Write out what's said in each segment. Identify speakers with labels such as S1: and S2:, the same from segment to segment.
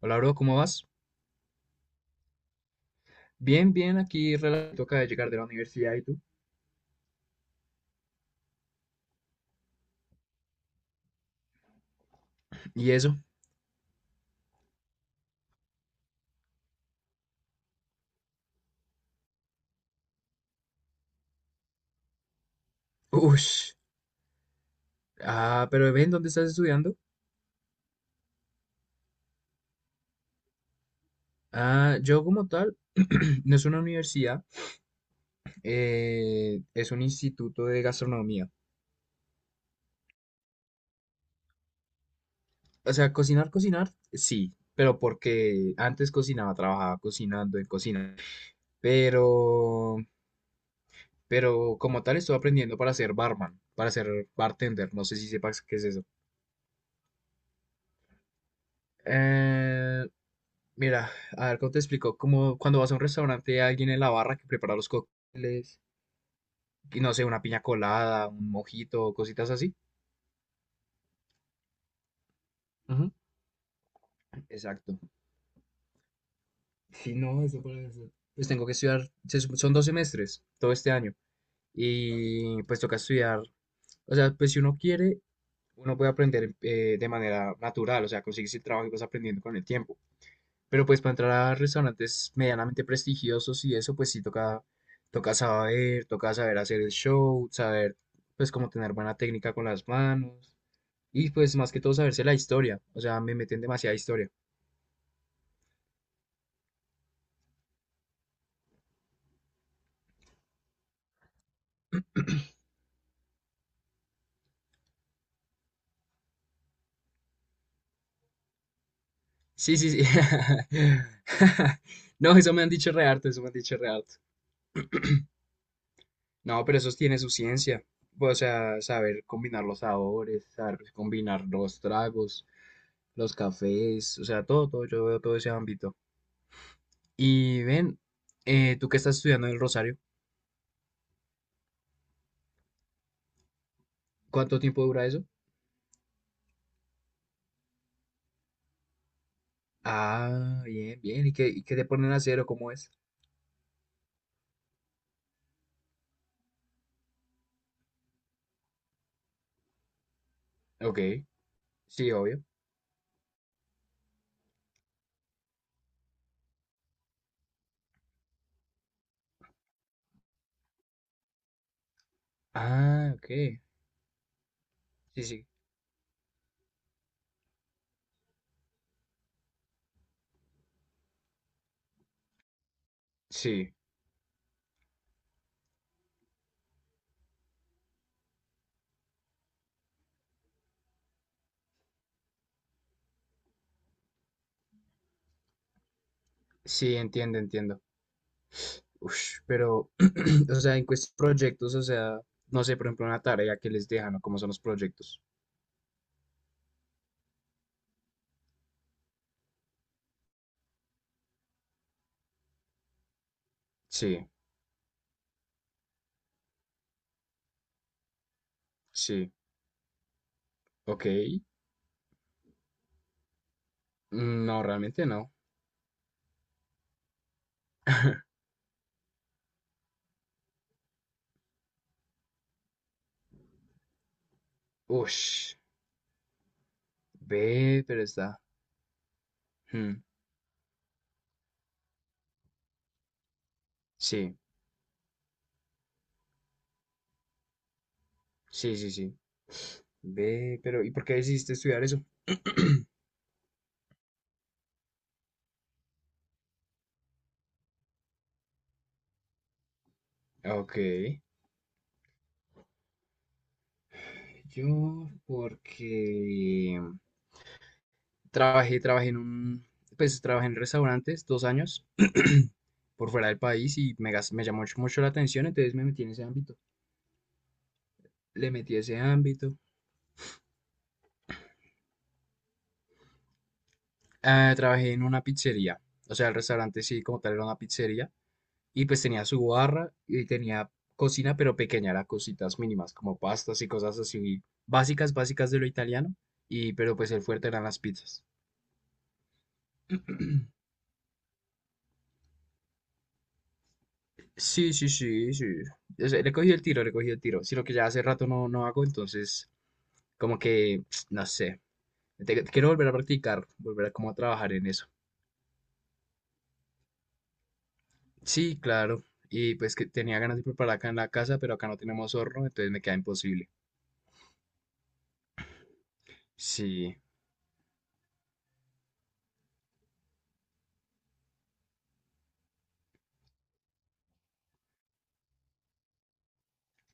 S1: Hola, bro, ¿cómo vas? Bien, bien, aquí relato acaba de llegar de la universidad, ¿y tú? ¿Y eso? Ush. Ah, pero ven, ¿dónde estás estudiando? Ah, yo como tal, no es una universidad, es un instituto de gastronomía. O sea, cocinar, cocinar, sí, pero porque antes cocinaba, trabajaba cocinando en cocina. Pero, pero como tal estoy aprendiendo para ser barman, para ser bartender, no sé si sepas qué es eso. Eh, Mira, a ver, ¿cómo te explico? Como cuando vas a un restaurante, hay alguien en la barra que prepara los cócteles, y no sé, una piña colada, un mojito, cositas así. Ujú. Exacto. Sí, no, eso para eso. Pues tengo que estudiar, son dos semestres todo este año y pues toca estudiar, o sea, pues si uno quiere, uno puede aprender de manera natural, o sea, consigues el trabajo y vas aprendiendo con el tiempo. Pero pues para entrar a restaurantes medianamente prestigiosos y eso, pues sí toca, toca saber hacer el show, saber pues como tener buena técnica con las manos y pues más que todo saberse la historia. O sea, me meten demasiada historia. Sí, sí, sí. No, eso me han dicho re harto, eso me han dicho re harto. No, pero eso tiene su ciencia. O sea, saber combinar los sabores, saber combinar los tragos, los cafés, o sea, todo, todo, yo veo todo ese ámbito. Y ven, tú que estás estudiando en el Rosario, ¿cuánto tiempo dura eso? Ah, bien, bien. Y qué te ponen a hacer o cómo es? Ok, sí, obvio. Ah, ok. Sí, sí. Sí, sí, entiendo, entiendo. Ush, pero, o sea, proyectos, o sea, no sé, por ejemplo, una tarea que les dejan o cómo son los proyectos. Sí, sí, ok. Mm, no, realmente no. Ush, ve, pero está. Hmm. Sí. Sí, sí, sí. Ve, pero ¿y por qué decidiste estudiar eso? Ok. Yo, porque trabajé en un, pues trabajé en restaurantes dos años por fuera del país y me llamó mucho, mucho la atención, entonces me metí en ese ámbito. Le metí ese ámbito. Ah, trabajé en una pizzería, o sea, el restaurante sí, como tal, era una pizzería. Y pues tenía su barra y tenía cocina, pero pequeña, era cositas mínimas, como pastas y cosas así básicas, básicas de lo italiano. Y, pero pues el fuerte eran las pizzas. Sí, sí, sí, sí. O sea, le cogí el tiro, le cogí el tiro. Sino que ya hace rato no hago, entonces como que, no sé, quiero volver a practicar, volver a como a trabajar en eso. Sí, claro. Y pues que tenía ganas de preparar acá en la casa, pero acá no tenemos horno, entonces me queda imposible. Sí,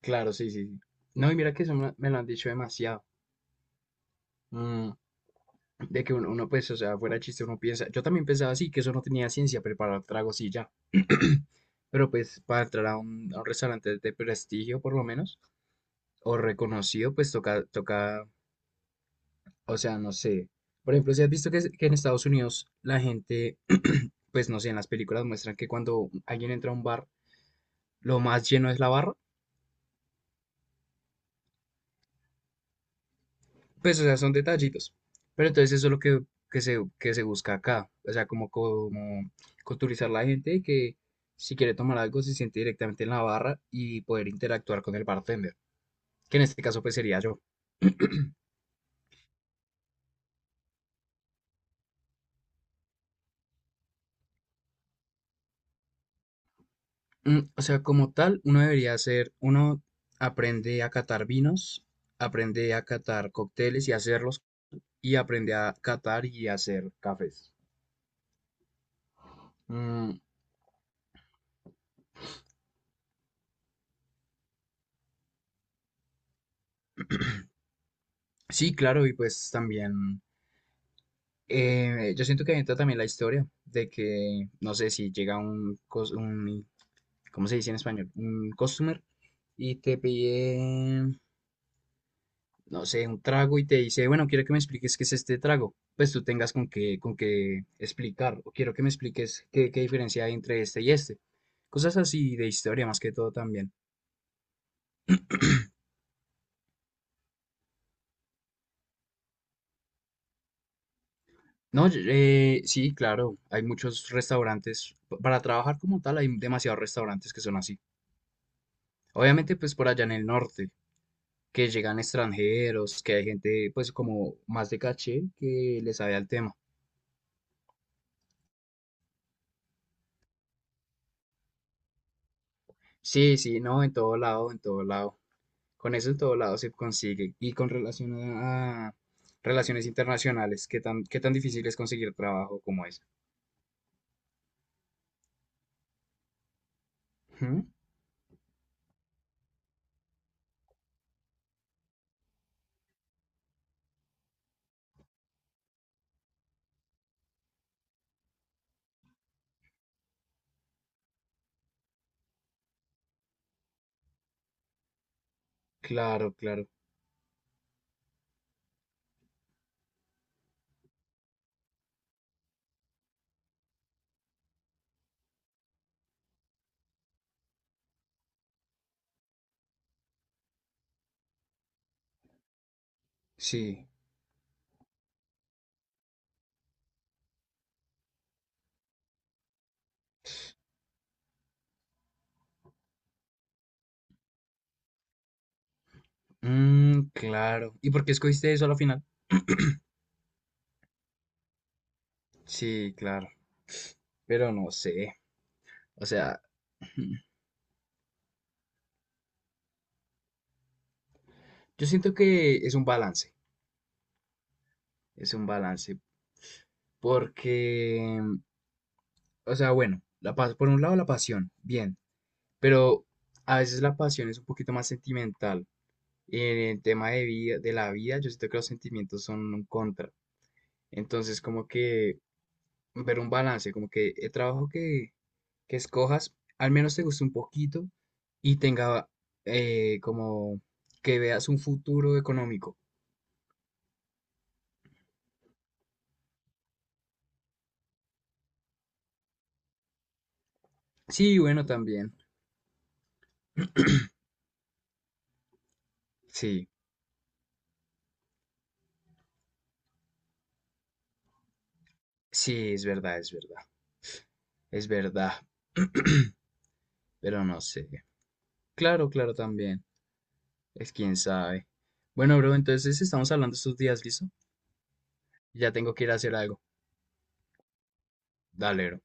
S1: claro, sí, sí, sí. No, y mira que eso me lo han dicho demasiado. Mm, de que uno, uno, pues, o sea, fuera chiste, uno piensa, yo también pensaba así, que eso no tenía ciencia, preparar tragos y ya. Pero pues para entrar a un restaurante de prestigio, por lo menos, o reconocido, pues toca, toca, o sea, no sé. Por ejemplo, si has visto que, que en Estados Unidos la gente, pues no sé, en las películas muestran que cuando alguien entra a un bar, lo más lleno es la barra. Pues, o sea, son detallitos. Pero entonces eso es lo que, que se busca acá. O sea, como, como culturizar la gente y que si quiere tomar algo se siente directamente en la barra y poder interactuar con el bartender, que en este caso pues sería yo. Mm, o sea, como tal, uno aprende a catar vinos, aprende a catar cócteles y hacerlos, y aprende a catar y hacer cafés. Mm, sí, claro, y pues también yo siento que entra también la historia de que, no sé, si llega un, cos- un, ¿cómo se dice en español? Un customer y te pide, no sé, un trago y te dice, bueno, quiero que me expliques qué es este trago. Pues tú tengas con qué explicar, o quiero que me expliques qué, qué diferencia hay entre este y este. Cosas así de historia más que todo también. No, yo- sí, claro, hay muchos restaurantes. Para trabajar como tal hay demasiados restaurantes que son así. Obviamente, pues por allá en el norte, que llegan extranjeros, que hay gente pues como más de caché que le sabe al tema. Sí, sí, no, en todo lado, en todo lado. Con eso en todo lado se consigue. Y con relación a relaciones internacionales, qué tan difícil es conseguir trabajo como ese? Ujú. Claro, claro, sí. Mm, claro. ¿Y por qué escogiste eso a la final? Sí, claro. Pero no sé. O sea, yo siento que es un balance, porque o sea, bueno, por un lado la pasión, bien, pero a veces la pasión es un poquito más sentimental. En el tema de vida, de la vida, yo siento que los sentimientos son un contra. Entonces, como que ver un balance, como que que escojas, al menos te guste un poquito y tenga como que veas un futuro económico. Sí, bueno, también. Sí, sí, es verdad, es verdad. Es verdad. Pero no sé. Claro, claro, también. Es quién sabe. Bueno, bro, entonces estamos hablando estos días, ¿listo? Ya tengo que ir a hacer algo. Dale, bro.